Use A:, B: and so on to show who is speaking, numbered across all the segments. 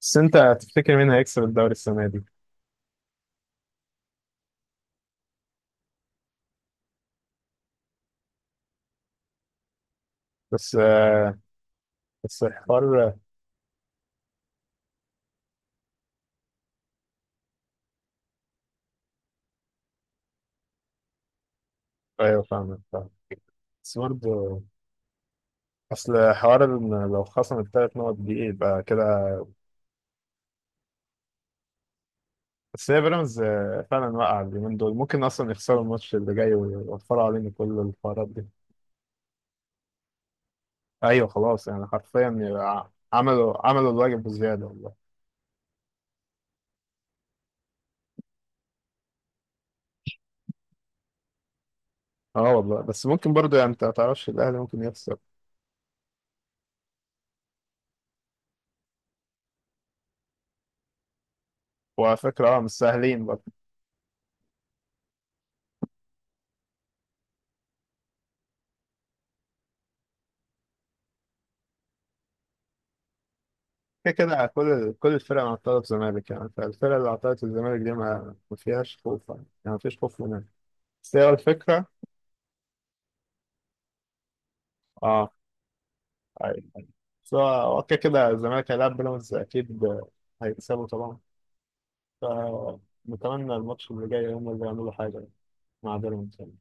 A: بس انت هتفتكر مين هيكسب الدوري السنه دي؟ بس بس الحوار. ايوه فاهمك فاهم. بس برضه اصل حوار ان لو خصم الثلاث نقط دي يبقى كده. بس هي بيراميدز فعلا واقعه اليومين دول ممكن اصلا يخسروا الماتش اللي جاي ويوفروا علينا كل الحوارات دي. ايوه خلاص، يعني حرفيا يبقى عملوا الواجب بزياده والله. اه والله بس ممكن برضه، يعني انت ما تعرفش الاهلي ممكن يخسر. وعلى فكره اه، مش سهلين برضه. كده كده كل الفرق عطلت الزمالك، يعني فالفرق اللي عطلت الزمالك دي ما فيهاش خوف يعني. يعني ما فيش خوف منها. بس هي الفكرة. اه، أيوة. أيوة. بس هو كده كده الزمالك هيلعب بيراميدز أكيد. هيكسبوا طبعا. فنتمنى الماتش اللي جاي هم اللي يعملوا حاجة مع بيراميدز يعني.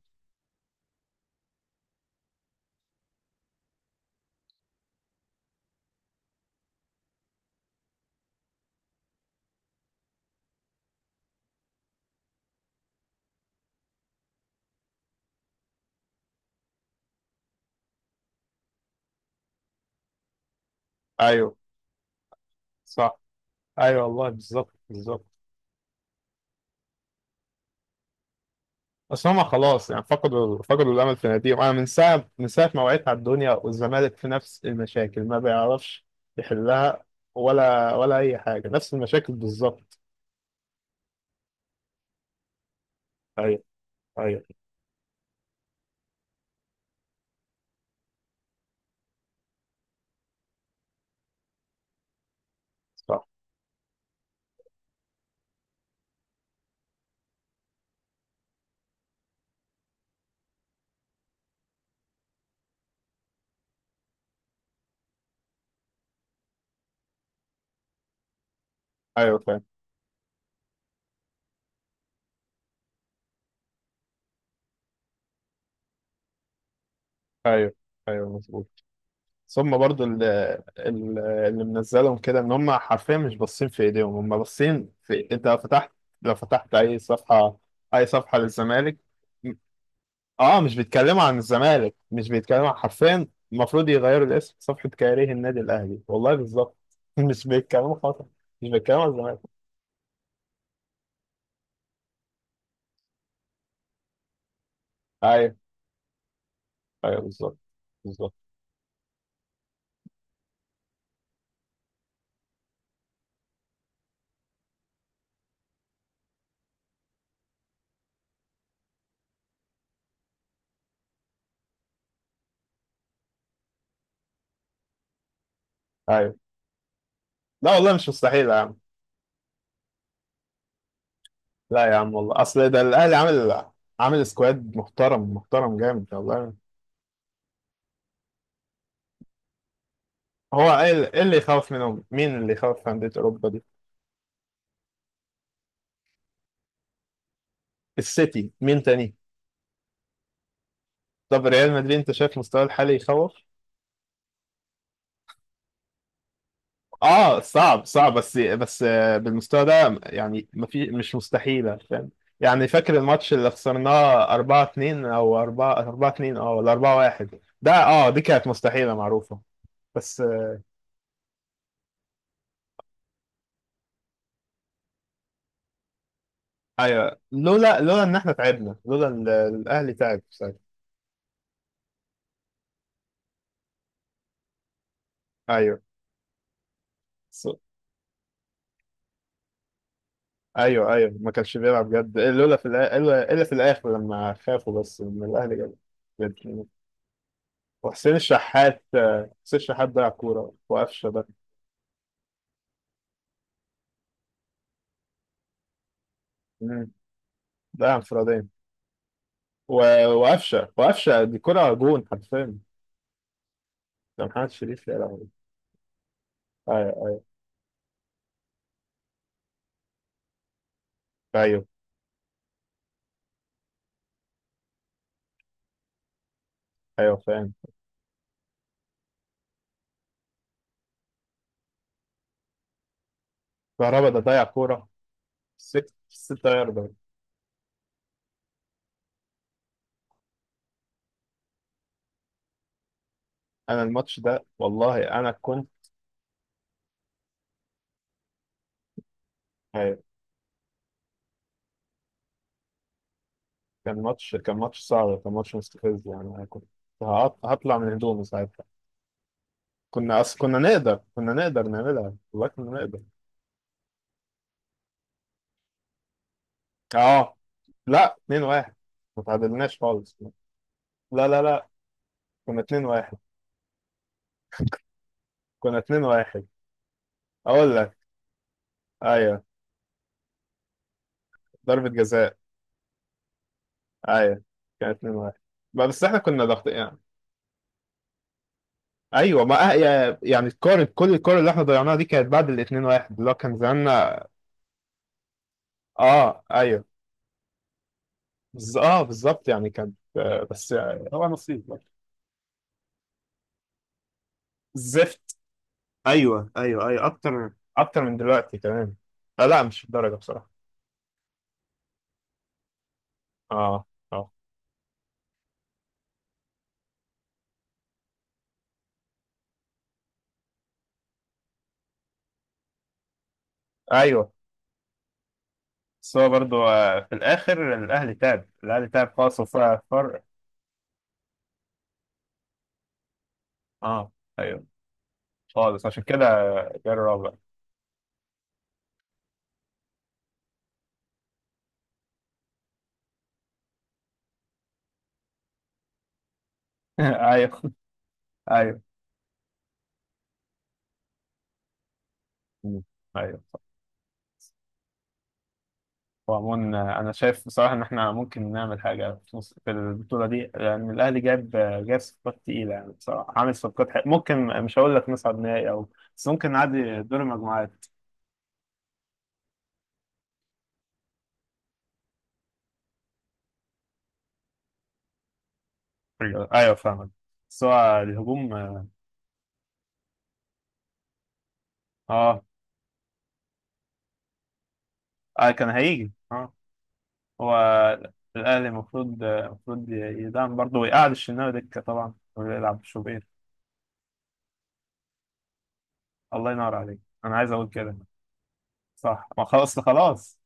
A: أيوه صح، أيوه والله بالظبط بالظبط. بس هما خلاص، يعني فقدوا الامل في ناديهم. انا من ساعه ما وعيت على الدنيا والزمالك في نفس المشاكل، ما بيعرفش يحلها. ولا اي حاجه، نفس المشاكل بالظبط. ايوه ايوه صح، ايوه فاهم. ايوه ايوه مظبوط. ثم برضو اللي منزلهم كده ان هم حرفيا مش باصين في ايديهم، هم باصين في انت لو فتحت، اي صفحه، اي صفحه للزمالك. اه مش بيتكلموا عن الزمالك، مش بيتكلموا عن حرفيا. المفروض يغيروا الاسم صفحة كاريه النادي الاهلي، والله بالظبط. مش بيتكلموا خالص. مش بيتكلموا عن الزمالك. ايوه ايوه بالظبط بالظبط. ايوه لا والله مش مستحيل يا عم. لا يا عم والله، اصل ده الاهلي عامل سكواد محترم، محترم جامد والله. هو ايه إيه اللي يخوف منهم؟ مين اللي يخوف في انديه اوروبا دي؟ السيتي، مين تاني؟ طب ريال مدريد، انت شايف مستواه الحالي يخوف؟ اه صعب صعب، بس بالمستوى ده، يعني ما في مش مستحيلة، فاهم؟ يعني فاكر الماتش اللي خسرناه 4 2 او 4 2 اه، ولا 4 1 ده، اه دي كانت مستحيلة معروفة. بس ايوه لولا ان احنا تعبنا، لولا الاهلي تعب ساعتها. ايوه ص- ايوه، ايوه ما كانش بيلعب جد، لولا في الآ- الا إلا في الاخر لما خافوا بس من الاهلي جد. بجد. وحسين الشحات آه، حسين الشحات ضيع كورة وقفشه ده. مم. ضيع انفرادية. وقفشه دي كرة جون حرفيا. ده محمد شريف، يا لهوي. ايوه ايوه، ايوه فاهم. كهربا ده ضيع كوره. ست ياردة. انا الماتش ده والله، انا كنت. أيوة. كان ماتش، كان ماتش صعب، كان ماتش مستفز، يعني انا كنت هطلع من هدومي ساعتها. كنا نقدر نعملها والله، كنا نقدر. اه لا، 2 1، ما تعادلناش خالص. لا لا لا، كنا 2 1. كنا 2 1، اقول لك ايوه ضربة جزاء. ايوه كان 2-1. ما بس احنا كنا ضاغطين يعني. ايوه، ما أه- يا- يعني الكور، الكور اللي احنا ضيعناها دي كانت بعد ال 2-1 اللي هو كان زماننا. اه، ايوه اه بالظبط، يعني كان بس يعني هو نصيب بقى. زفت. ايوه ايوه ايوه، اكتر اكتر من دلوقتي كمان. آه لا، مش الدرجه بصراحه. اه اه ايوه. بس هو برضه في الاخر الاهلي تعب، خالص، وفرق فرق. اه ايوه خالص، عشان كده. جه الرابع. ايوه ايوه. مم. ايوه. وعموما انا شايف بصراحه ان احنا ممكن نعمل حاجه في نص، في البطوله دي، لان الاهلي جاب، صفقات تقيله يعني. بصراحه عامل صفقات حق. ممكن مش هقول لك نصعد نهائي، او بس ممكن نعدي دور المجموعات. ايوه ايوه فاهمك. بس هو الهجوم اه. آه، كان هيجي اه. هو الاهلي المفروض يدعم برضه، ويقعد الشناوي دكه طبعا، ويلعب شوبير. الله ينور عليك، انا عايز اقول كده. صح، ما خلاص خلاص.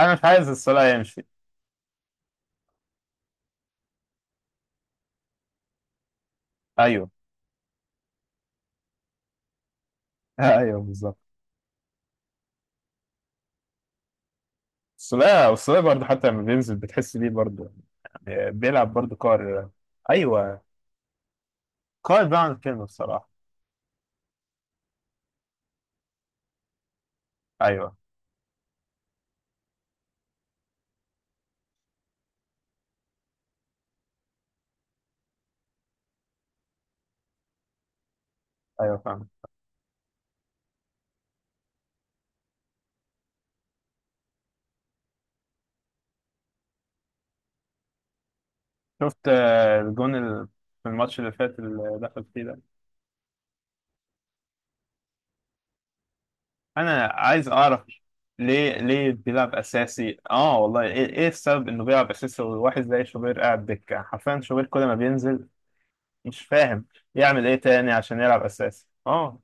A: انا مش عايز السولية يمشي. ايوه ايوه بالظبط. السولية برضه حتى لما بينزل بتحس بيه برضه، يعني بيلعب برضه قائد. ايوه قائد بقى عن الكلمة، الصراحة. ايوه ايوه فاهم. شفت الجون في الماتش اللي فات اللي دخل فيه ده. انا عايز اعرف، ليه بيلعب اساسي اه؟ والله ايه، السبب انه بيلعب اساسي، وواحد زي شوبير قاعد دكة حرفيا؟ شوبير كل ما بينزل، مش فاهم يعمل ايه تاني عشان يلعب اساسي اه.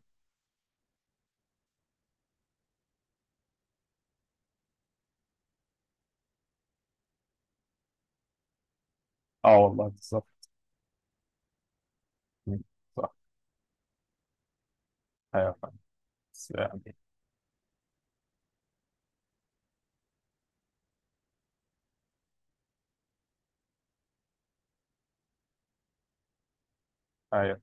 A: اه والله بالظبط. صح. ايوه فاهم، بس يعني. أيوة.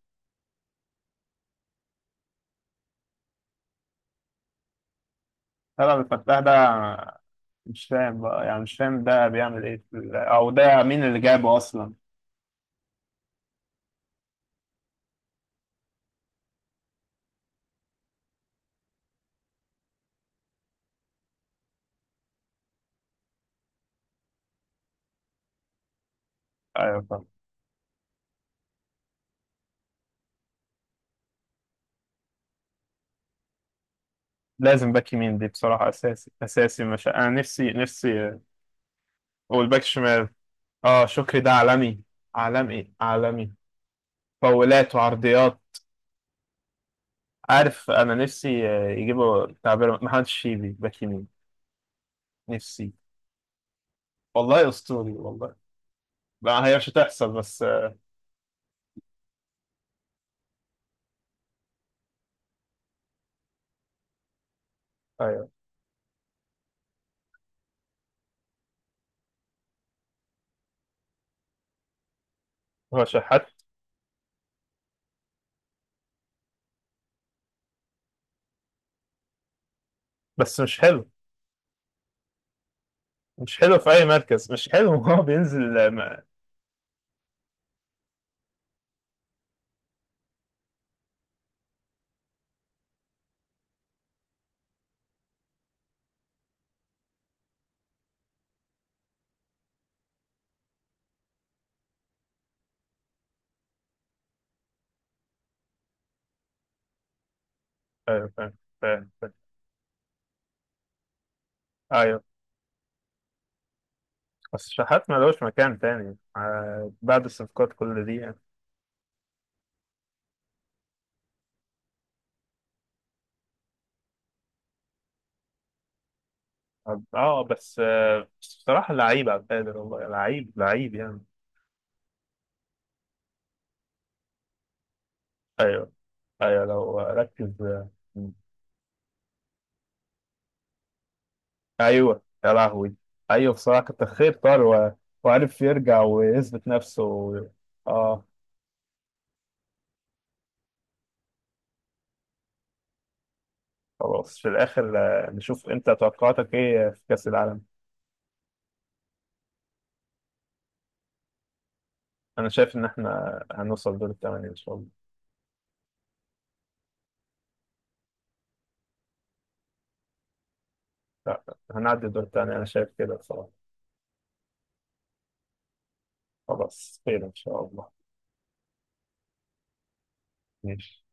A: هلا الفتاح ده، مش فاهم بقى، يعني مش فاهم ده بيعمل ايه في او ده مين اللي جابه اصلا؟ ايوه فاهم. لازم باك يمين دي بصراحة اساسي اساسي، مش، انا نفسي نفسي. والباك شمال، اه شكري ده عالمي، عالمي عالمي. فاولات وعرضيات. عارف، انا نفسي يجيبوا تعبير محمد الشيبي باك يمين، نفسي. والله اسطوري والله. ما هي مش هتحصل بس ايوه. هو شحات، بس مش حلو، مش حلو في اي مركز، مش حلو. هو بينزل آه، ما... آه، ف... ف... ف... ايوه. بس شحات ما لهوش مكان تاني بعد الصفقات كل دي يعني. اه بس بس بصراحة لعيب، عبد القادر والله لعيب لعيب يعني. ايوه ايوه لو ركز آه، م. ايوه يا لهوي. ايوه بصراحة كتر خير طار. و... وعرف يرجع ويثبت نفسه. و... اه. خلاص في الاخر، نشوف انت توقعاتك ايه في كأس العالم. انا شايف ان احنا هنوصل دور الثمانية ان شاء الله. لا، هنعدي الدور التاني، أنا شايف كده بصراحة. خلاص خير إن شاء الله. ماشي.